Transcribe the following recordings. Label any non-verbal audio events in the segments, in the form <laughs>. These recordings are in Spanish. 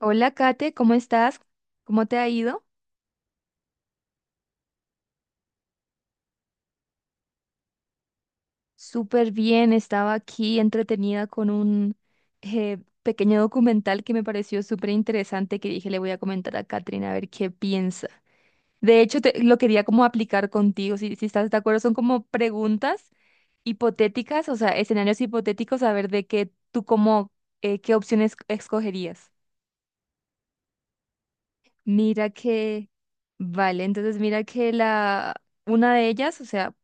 Hola, Kate, ¿cómo estás? ¿Cómo te ha ido? Súper bien, estaba aquí entretenida con un eh, pequeño documental que me pareció súper interesante que dije le voy a comentar a Katrina a ver qué piensa. De hecho, lo quería como aplicar contigo, si estás de acuerdo, son como preguntas hipotéticas, o sea, escenarios hipotéticos, a ver de qué tú como, qué opciones escogerías. Mira que, vale, entonces mira que la, una de ellas, o sea,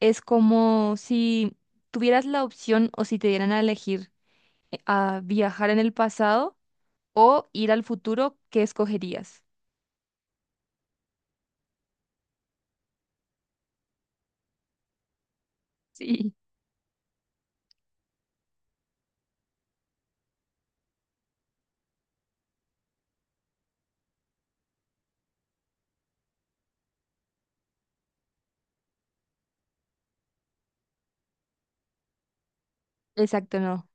es como si tuvieras la opción o si te dieran a elegir a viajar en el pasado o ir al futuro, ¿qué escogerías? Sí. Exacto, no.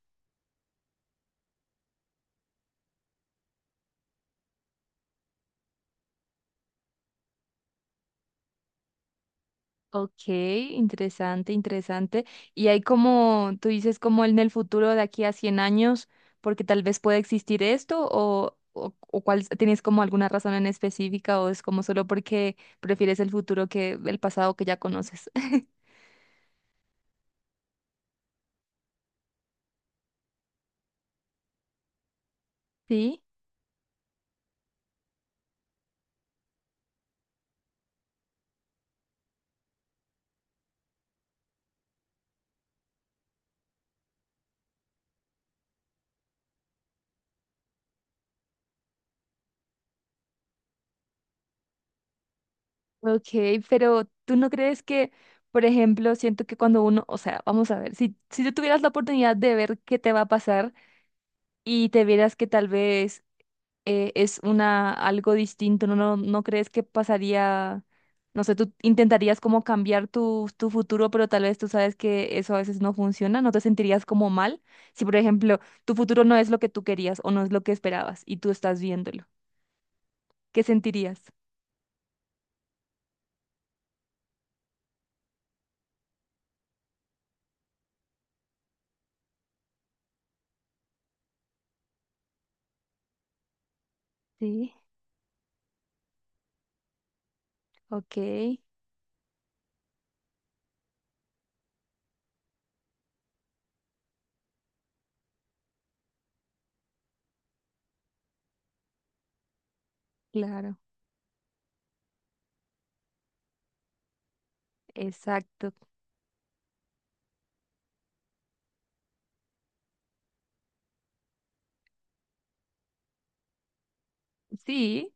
Ok, interesante, interesante. Y hay como, tú dices como en el futuro de aquí a 100 años, porque tal vez pueda existir esto o cuál, ¿tienes como alguna razón en específica o es como solo porque prefieres el futuro que el pasado que ya conoces? <laughs> Sí. Ok, pero tú no crees que, por ejemplo, siento que cuando uno, o sea, vamos a ver, si tú tuvieras la oportunidad de ver qué te va a pasar y te vieras que tal vez es una algo distinto, ¿no crees que pasaría, no sé, tú intentarías como cambiar tu futuro, pero tal vez tú sabes que eso a veces no funciona? ¿No te sentirías como mal si, por ejemplo, tu futuro no es lo que tú querías o no es lo que esperabas y tú estás viéndolo? ¿Qué sentirías? Sí, ok, claro. Exacto. Sí,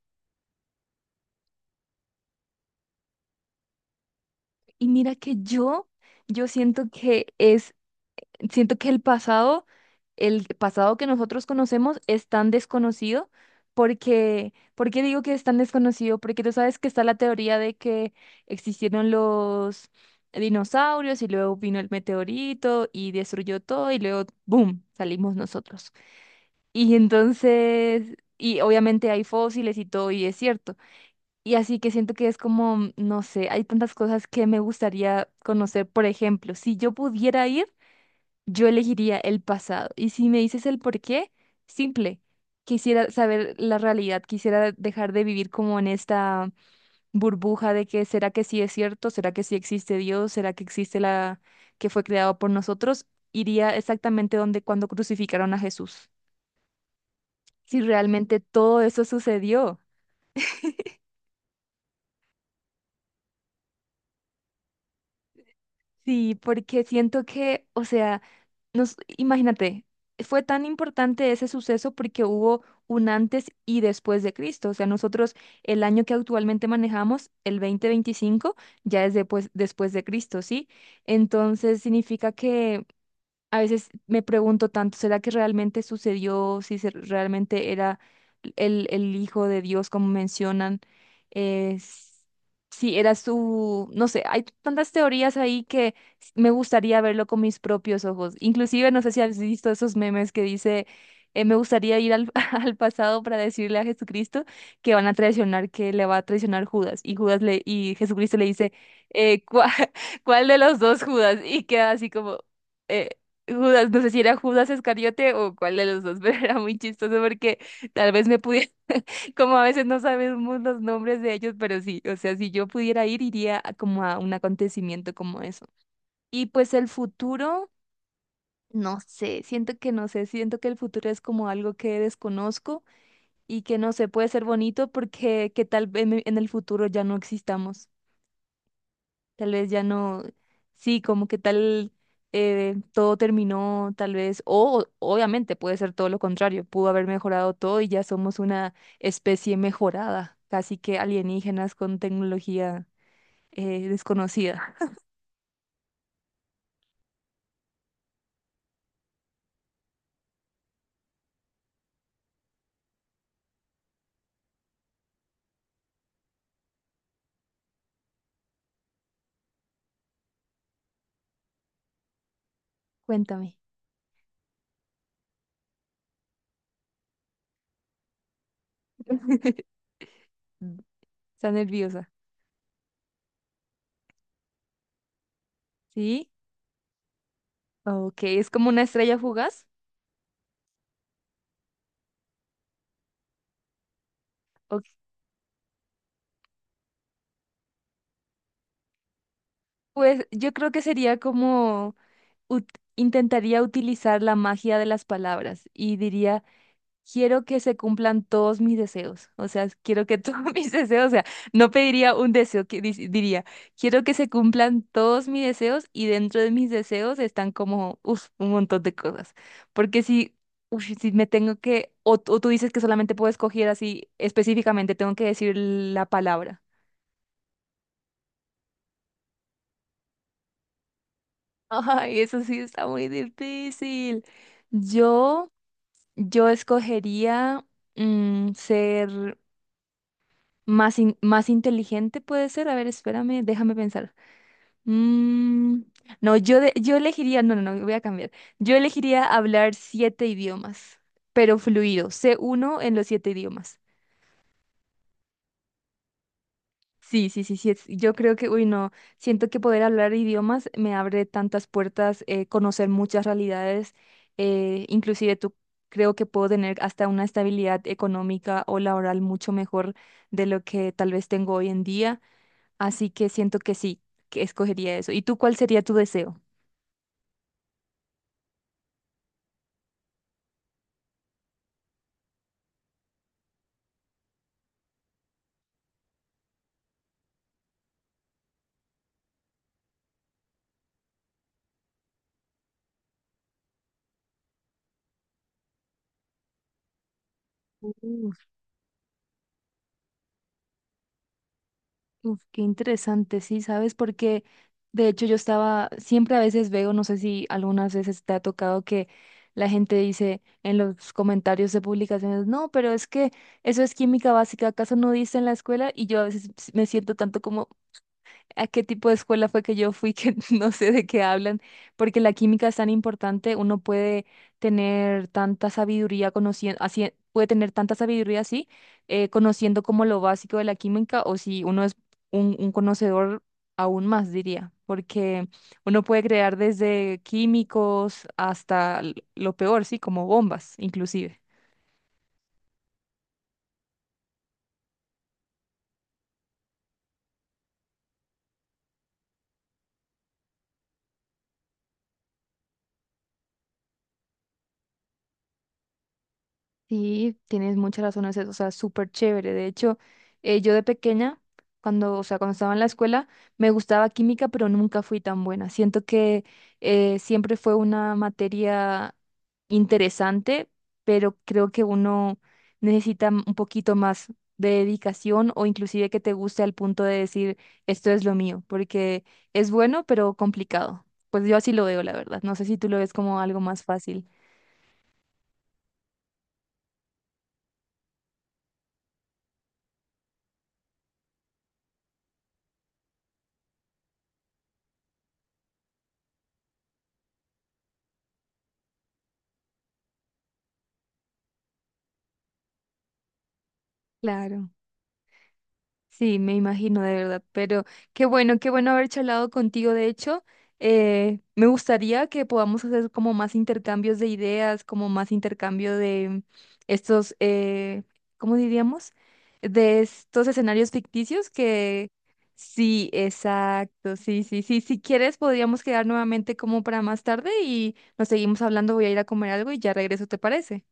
y mira que yo siento que es, siento que el pasado que nosotros conocemos es tan desconocido porque, ¿por qué digo que es tan desconocido? Porque tú sabes que está la teoría de que existieron los dinosaurios y luego vino el meteorito y destruyó todo y luego, ¡boom!, salimos nosotros. Y entonces, y obviamente hay fósiles y todo y es cierto. Y así que siento que es como, no sé, hay tantas cosas que me gustaría conocer. Por ejemplo, si yo pudiera ir, yo elegiría el pasado. Y si me dices el por qué, simple. Quisiera saber la realidad, quisiera dejar de vivir como en esta burbuja de que será que sí es cierto, será que sí existe Dios, será que existe la que fue creado por nosotros. Iría exactamente donde cuando crucificaron a Jesús. Si realmente todo eso sucedió. Sí, porque siento que, o sea, nos, imagínate, fue tan importante ese suceso porque hubo un antes y después de Cristo. O sea, nosotros el año que actualmente manejamos, el 2025, ya es después, después de Cristo, ¿sí? Entonces significa que a veces me pregunto tanto, ¿será que realmente sucedió? Si realmente era el Hijo de Dios, como mencionan, es si era su, no sé, hay tantas teorías ahí que me gustaría verlo con mis propios ojos. Inclusive, no sé si has visto esos memes que dice, me gustaría ir <laughs> al pasado para decirle a Jesucristo que van a traicionar, que le va a traicionar Judas. Y Judas le, y Jesucristo le dice, eh, "¿Cuá- <laughs> ¿cuál, de los dos Judas?". Y queda así como, eh, Judas, no sé si era Judas Escariote o cuál de los dos, <laughs> pero era muy chistoso porque tal vez me pudiera, <laughs> como a veces no sabemos los nombres de ellos, pero sí, o sea, si yo pudiera ir, iría a como a un acontecimiento como eso. Y pues el futuro, no sé, siento que no sé, siento que el futuro es como algo que desconozco y que no sé, puede ser bonito porque que tal vez en el futuro ya no existamos. Tal vez ya no, sí, como que tal todo terminó, tal vez, o obviamente puede ser todo lo contrario, pudo haber mejorado todo y ya somos una especie mejorada, casi que alienígenas con tecnología desconocida. Cuéntame. <laughs> Mm. Está nerviosa. ¿Sí? Ok, es como una estrella fugaz. Ok. Pues yo creo que sería como ut- intentaría utilizar la magia de las palabras y diría quiero que se cumplan todos mis deseos. O sea, quiero que todos <laughs> mis deseos, o sea, no pediría un deseo, que diría, quiero que se cumplan todos mis deseos y dentro de mis deseos están como, uf, un montón de cosas. Porque si, uf, si me tengo que, o tú dices que solamente puedo escoger así específicamente, tengo que decir la palabra. <laughs> Ay, eso sí está muy difícil. Yo, yo escogería ser más, más inteligente puede ser. A ver, espérame, déjame pensar. Mm, no, yo yo elegiría, no, no, no, voy a cambiar. Yo elegiría hablar siete idiomas, pero fluido, c uno en los siete idiomas. Sí, sí, sí, sí. Yo creo que, uy, no, siento que poder hablar idiomas me abre tantas puertas, conocer muchas realidades, inclusive tú creo que puedo tener hasta una estabilidad económica o laboral mucho mejor de lo que tal vez tengo hoy en día. Así que siento que sí, que escogería eso. ¿Y tú cuál sería tu deseo? Uf, uf, qué interesante, sí, ¿sabes? Porque de hecho yo estaba, siempre a veces veo, no sé si algunas veces te ha tocado que la gente dice en los comentarios de publicaciones, no, pero es que eso es química básica, ¿acaso no dice en la escuela? Y yo a veces me siento tanto como, a qué tipo de escuela fue que yo fui, que <laughs> no sé de qué hablan, porque la química es tan importante, uno puede tener tanta sabiduría conociendo, así, puede tener tanta sabiduría así, conociendo como lo básico de la química, o si uno es un conocedor aún más, diría, porque uno puede crear desde químicos hasta lo peor, sí, como bombas, inclusive. Sí, tienes muchas razones, o sea, súper chévere. De hecho, yo de pequeña, cuando, o sea, cuando estaba en la escuela, me gustaba química, pero nunca fui tan buena. Siento que siempre fue una materia interesante, pero creo que uno necesita un poquito más de dedicación o inclusive que te guste al punto de decir, esto es lo mío, porque es bueno, pero complicado. Pues yo así lo veo, la verdad. No sé si tú lo ves como algo más fácil. Claro. Sí, me imagino de verdad, pero qué bueno haber charlado contigo. De hecho, me gustaría que podamos hacer como más intercambios de ideas, como más intercambio de estos, ¿cómo diríamos? De estos escenarios ficticios que sí, exacto, sí, sí, sí. Si quieres, podríamos quedar nuevamente como para más tarde y nos seguimos hablando. Voy a ir a comer algo y ya regreso, ¿te parece?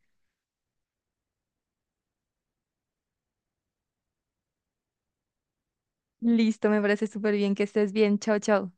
Listo, me parece súper bien que estés bien. Chao, chao.